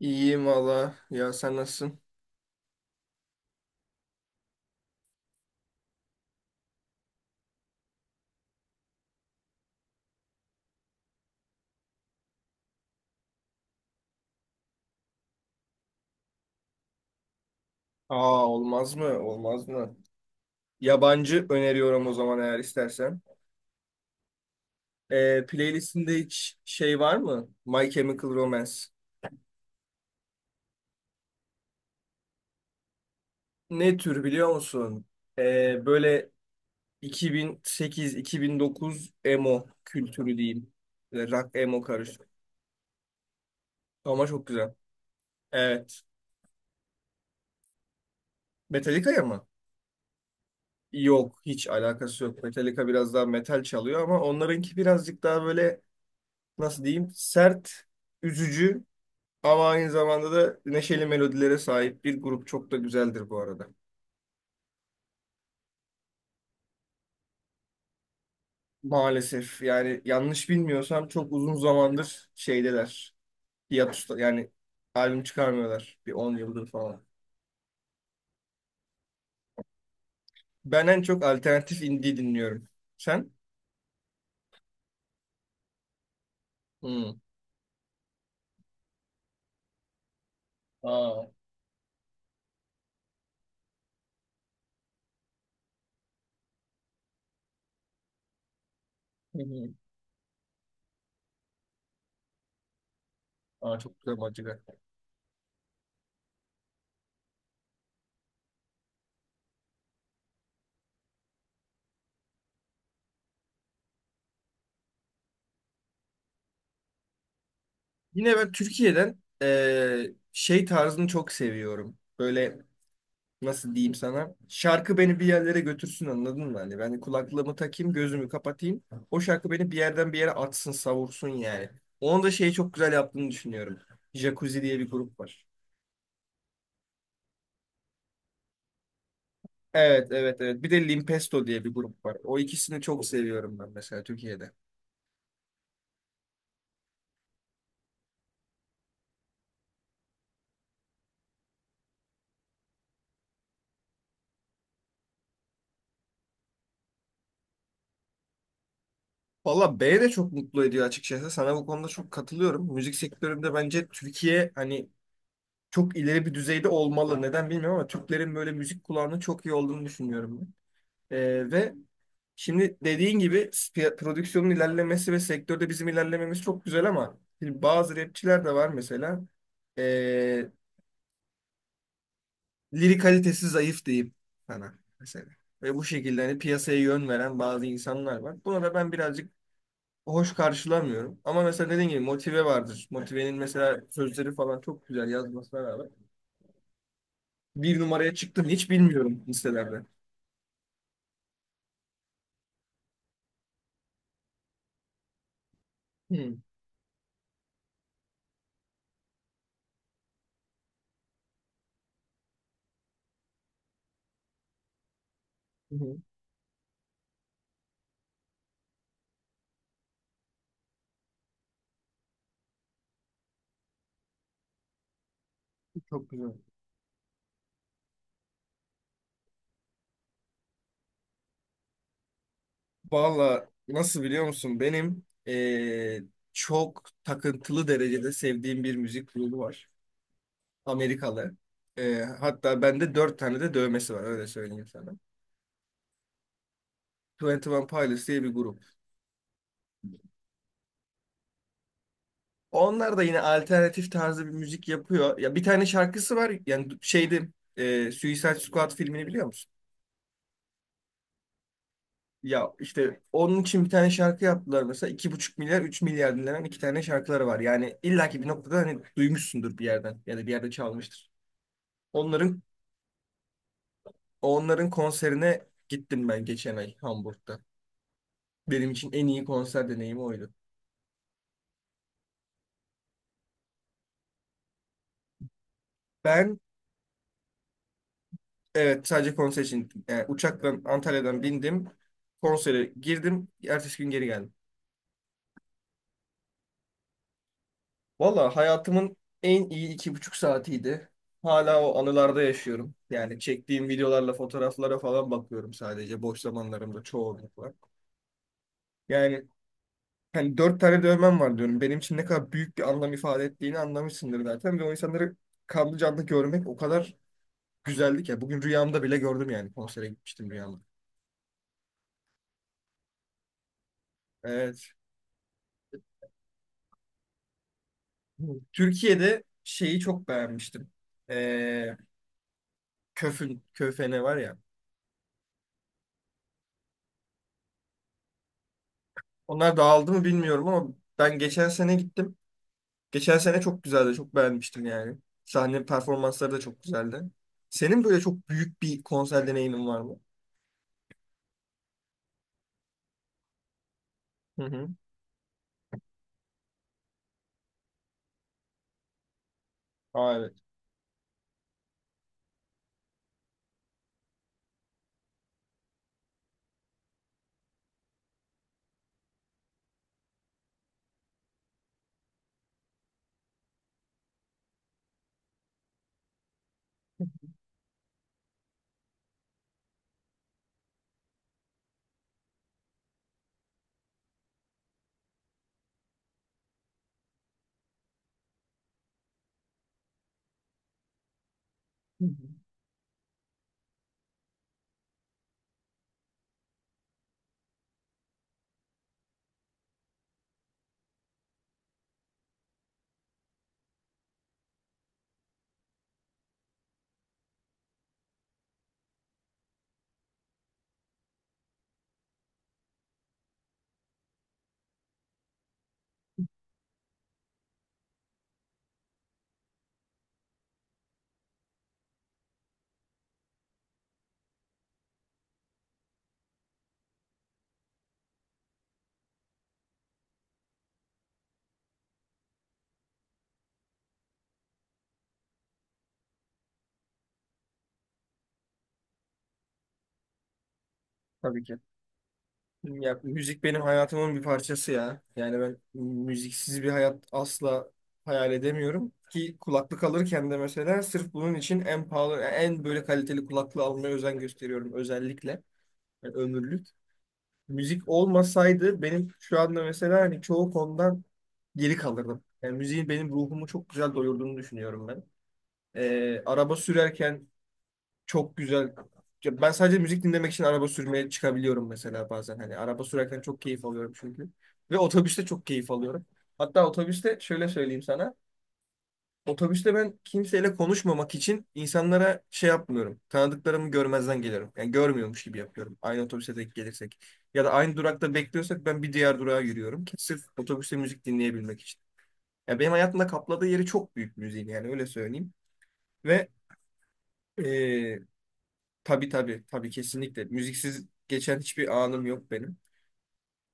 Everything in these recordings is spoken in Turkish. İyiyim valla. Ya sen nasılsın? Aa olmaz mı? Olmaz mı? Yabancı öneriyorum o zaman eğer istersen. Playlistinde hiç şey var mı? My Chemical Romance. Ne tür biliyor musun? Böyle 2008-2009 emo kültürü diyeyim. Böyle rock emo karışık. Ama çok güzel. Evet. Metallica'ya mı? Yok. Hiç alakası yok. Metallica biraz daha metal çalıyor ama onlarınki birazcık daha böyle nasıl diyeyim? Sert, üzücü. Ama aynı zamanda da neşeli melodilere sahip bir grup, çok da güzeldir bu arada. Maalesef yani yanlış bilmiyorsam çok uzun zamandır şeydeler. Hiatus'ta yani albüm çıkarmıyorlar bir 10 yıldır falan. Ben en çok alternatif indie dinliyorum. Sen? Hmm. Aa. Hı hı. Aa, çok güzel macera. Yine ben Türkiye'den şey tarzını çok seviyorum. Böyle nasıl diyeyim sana? Şarkı beni bir yerlere götürsün, anladın mı? Hani ben kulaklığımı takayım, gözümü kapatayım. O şarkı beni bir yerden bir yere atsın, savursun yani. Onu da şeyi çok güzel yaptığını düşünüyorum. Jacuzzi diye bir grup var. Evet, evet, evet. Bir de Limpesto diye bir grup var. O ikisini çok seviyorum ben mesela Türkiye'de. Valla B de çok mutlu ediyor açıkçası. Sana bu konuda çok katılıyorum. Müzik sektöründe bence Türkiye hani çok ileri bir düzeyde olmalı. Neden bilmiyorum ama Türklerin böyle müzik kulağının çok iyi olduğunu düşünüyorum ben. Ve şimdi dediğin gibi prodüksiyonun ilerlemesi ve sektörde bizim ilerlememiz çok güzel ama şimdi bazı rapçiler de var mesela. Ee, Lirik kalitesi zayıf diyeyim sana mesela. Ve bu şekilde hani piyasaya yön veren bazı insanlar var. Buna da ben birazcık hoş karşılamıyorum. Ama mesela dediğin gibi Motive vardır. Motive'nin mesela sözleri falan çok güzel yazmasına rağmen bir numaraya çıktım hiç bilmiyorum listelerde. Hmm. Hı hı. Çok güzel. Valla nasıl biliyor musun? Benim çok takıntılı derecede sevdiğim bir müzik grubu var. Amerikalı. Hatta bende dört tane de dövmesi var, öyle söyleyeyim sana. Twenty One Pilots diye bir grup. Onlar da yine alternatif tarzı bir müzik yapıyor. Ya bir tane şarkısı var. Yani şeydi, Suicide Squad filmini biliyor musun? Ya işte onun için bir tane şarkı yaptılar mesela. 2,5 milyar 3 milyar dinlenen iki tane şarkıları var. Yani illaki bir noktada hani duymuşsundur bir yerden ya da bir yerde çalmıştır. Onların onların konserine gittim ben geçen ay Hamburg'da. Benim için en iyi konser deneyimi oydu. Ben, evet, sadece konser için gittim. Yani uçaktan Antalya'dan bindim. Konsere girdim. Ertesi gün geri geldim. Valla hayatımın en iyi 2,5 saatiydi. Hala o anılarda yaşıyorum. Yani çektiğim videolarla fotoğraflara falan bakıyorum sadece boş zamanlarımda çoğunlukla. Yani hani dört tane dövmem var diyorum. Benim için ne kadar büyük bir anlam ifade ettiğini anlamışsındır zaten. Ve o insanları kanlı canlı görmek o kadar güzeldi ki. Bugün rüyamda bile gördüm yani. Konsere gitmiştim rüyamda. Evet. Türkiye'de şeyi çok beğenmiştim. Ee, Köfene var ya. Onlar dağıldı mı bilmiyorum ama ben geçen sene gittim. Geçen sene çok güzeldi. Çok beğenmiştim yani. Sahne performansları da çok güzeldi. Senin böyle çok büyük bir konser deneyimin var mı? Hı hı. Aa, evet. Hı hı. Tabii ki. Ya müzik benim hayatımın bir parçası ya. Yani ben müziksiz bir hayat asla hayal edemiyorum. Ki kulaklık alırken de mesela sırf bunun için en pahalı, en böyle kaliteli kulaklığı almaya özen gösteriyorum özellikle. Yani ömürlük. Müzik olmasaydı benim şu anda mesela hani çoğu konudan geri kalırdım. Yani müziğin benim ruhumu çok güzel doyurduğunu düşünüyorum ben. Araba sürerken çok güzel. Ya ben sadece müzik dinlemek için araba sürmeye çıkabiliyorum mesela bazen. Hani araba sürerken çok keyif alıyorum çünkü. Ve otobüste çok keyif alıyorum. Hatta otobüste şöyle söyleyeyim sana. Otobüste ben kimseyle konuşmamak için insanlara şey yapmıyorum. Tanıdıklarımı görmezden geliyorum. Yani görmüyormuş gibi yapıyorum. Aynı otobüse denk gelirsek. Ya da aynı durakta bekliyorsak ben bir diğer durağa yürüyorum. Ki sırf otobüste müzik dinleyebilmek için. Ya benim hayatımda kapladığı yeri çok büyük müziğin, yani öyle söyleyeyim. Ve eee, tabii, tabii, tabii, kesinlikle. Müziksiz geçen hiçbir anım yok benim.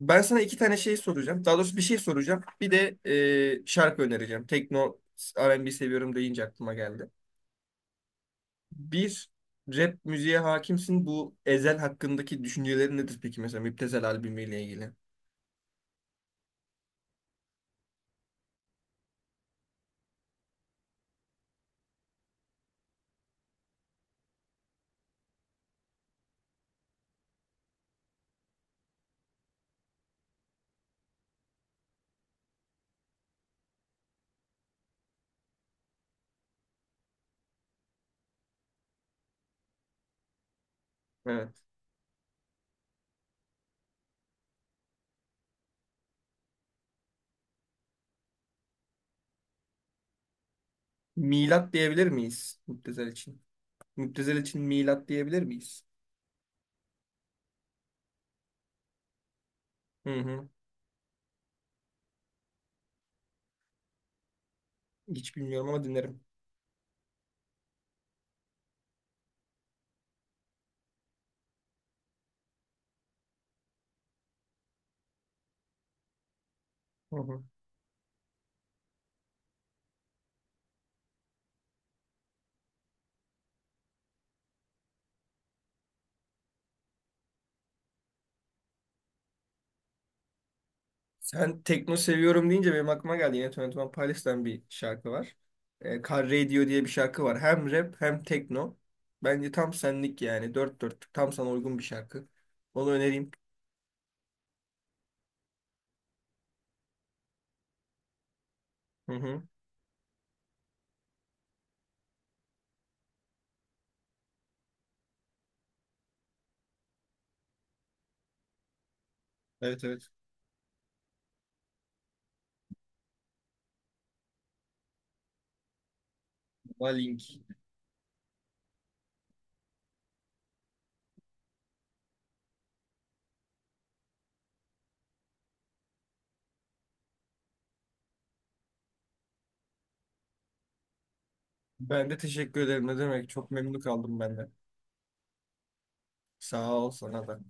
Ben sana iki tane şey soracağım. Daha doğrusu bir şey soracağım. Bir de şarkı önereceğim. Tekno R&B seviyorum deyince aklıma geldi. Bir rap müziğe hakimsin. Bu Ezel hakkındaki düşüncelerin nedir peki mesela Müptezel albümüyle ilgili? Evet. Milat diyebilir miyiz Müptezel için? Müptezel için milat diyebilir miyiz? Hı hı. Hiç bilmiyorum ama dinlerim. Hı hı. Sen tekno seviyorum deyince benim aklıma geldi. Yine yirmi One Pilots'tan bir şarkı var. Car Radio diye bir şarkı var. Hem rap hem tekno. Bence tam senlik yani. Dört dörtlük tam sana uygun bir şarkı. Onu önereyim. Hı hı. Evet, evet. Buna link. Ben de teşekkür ederim. Ne demek? Çok memnun kaldım ben de. Sağ ol sana da.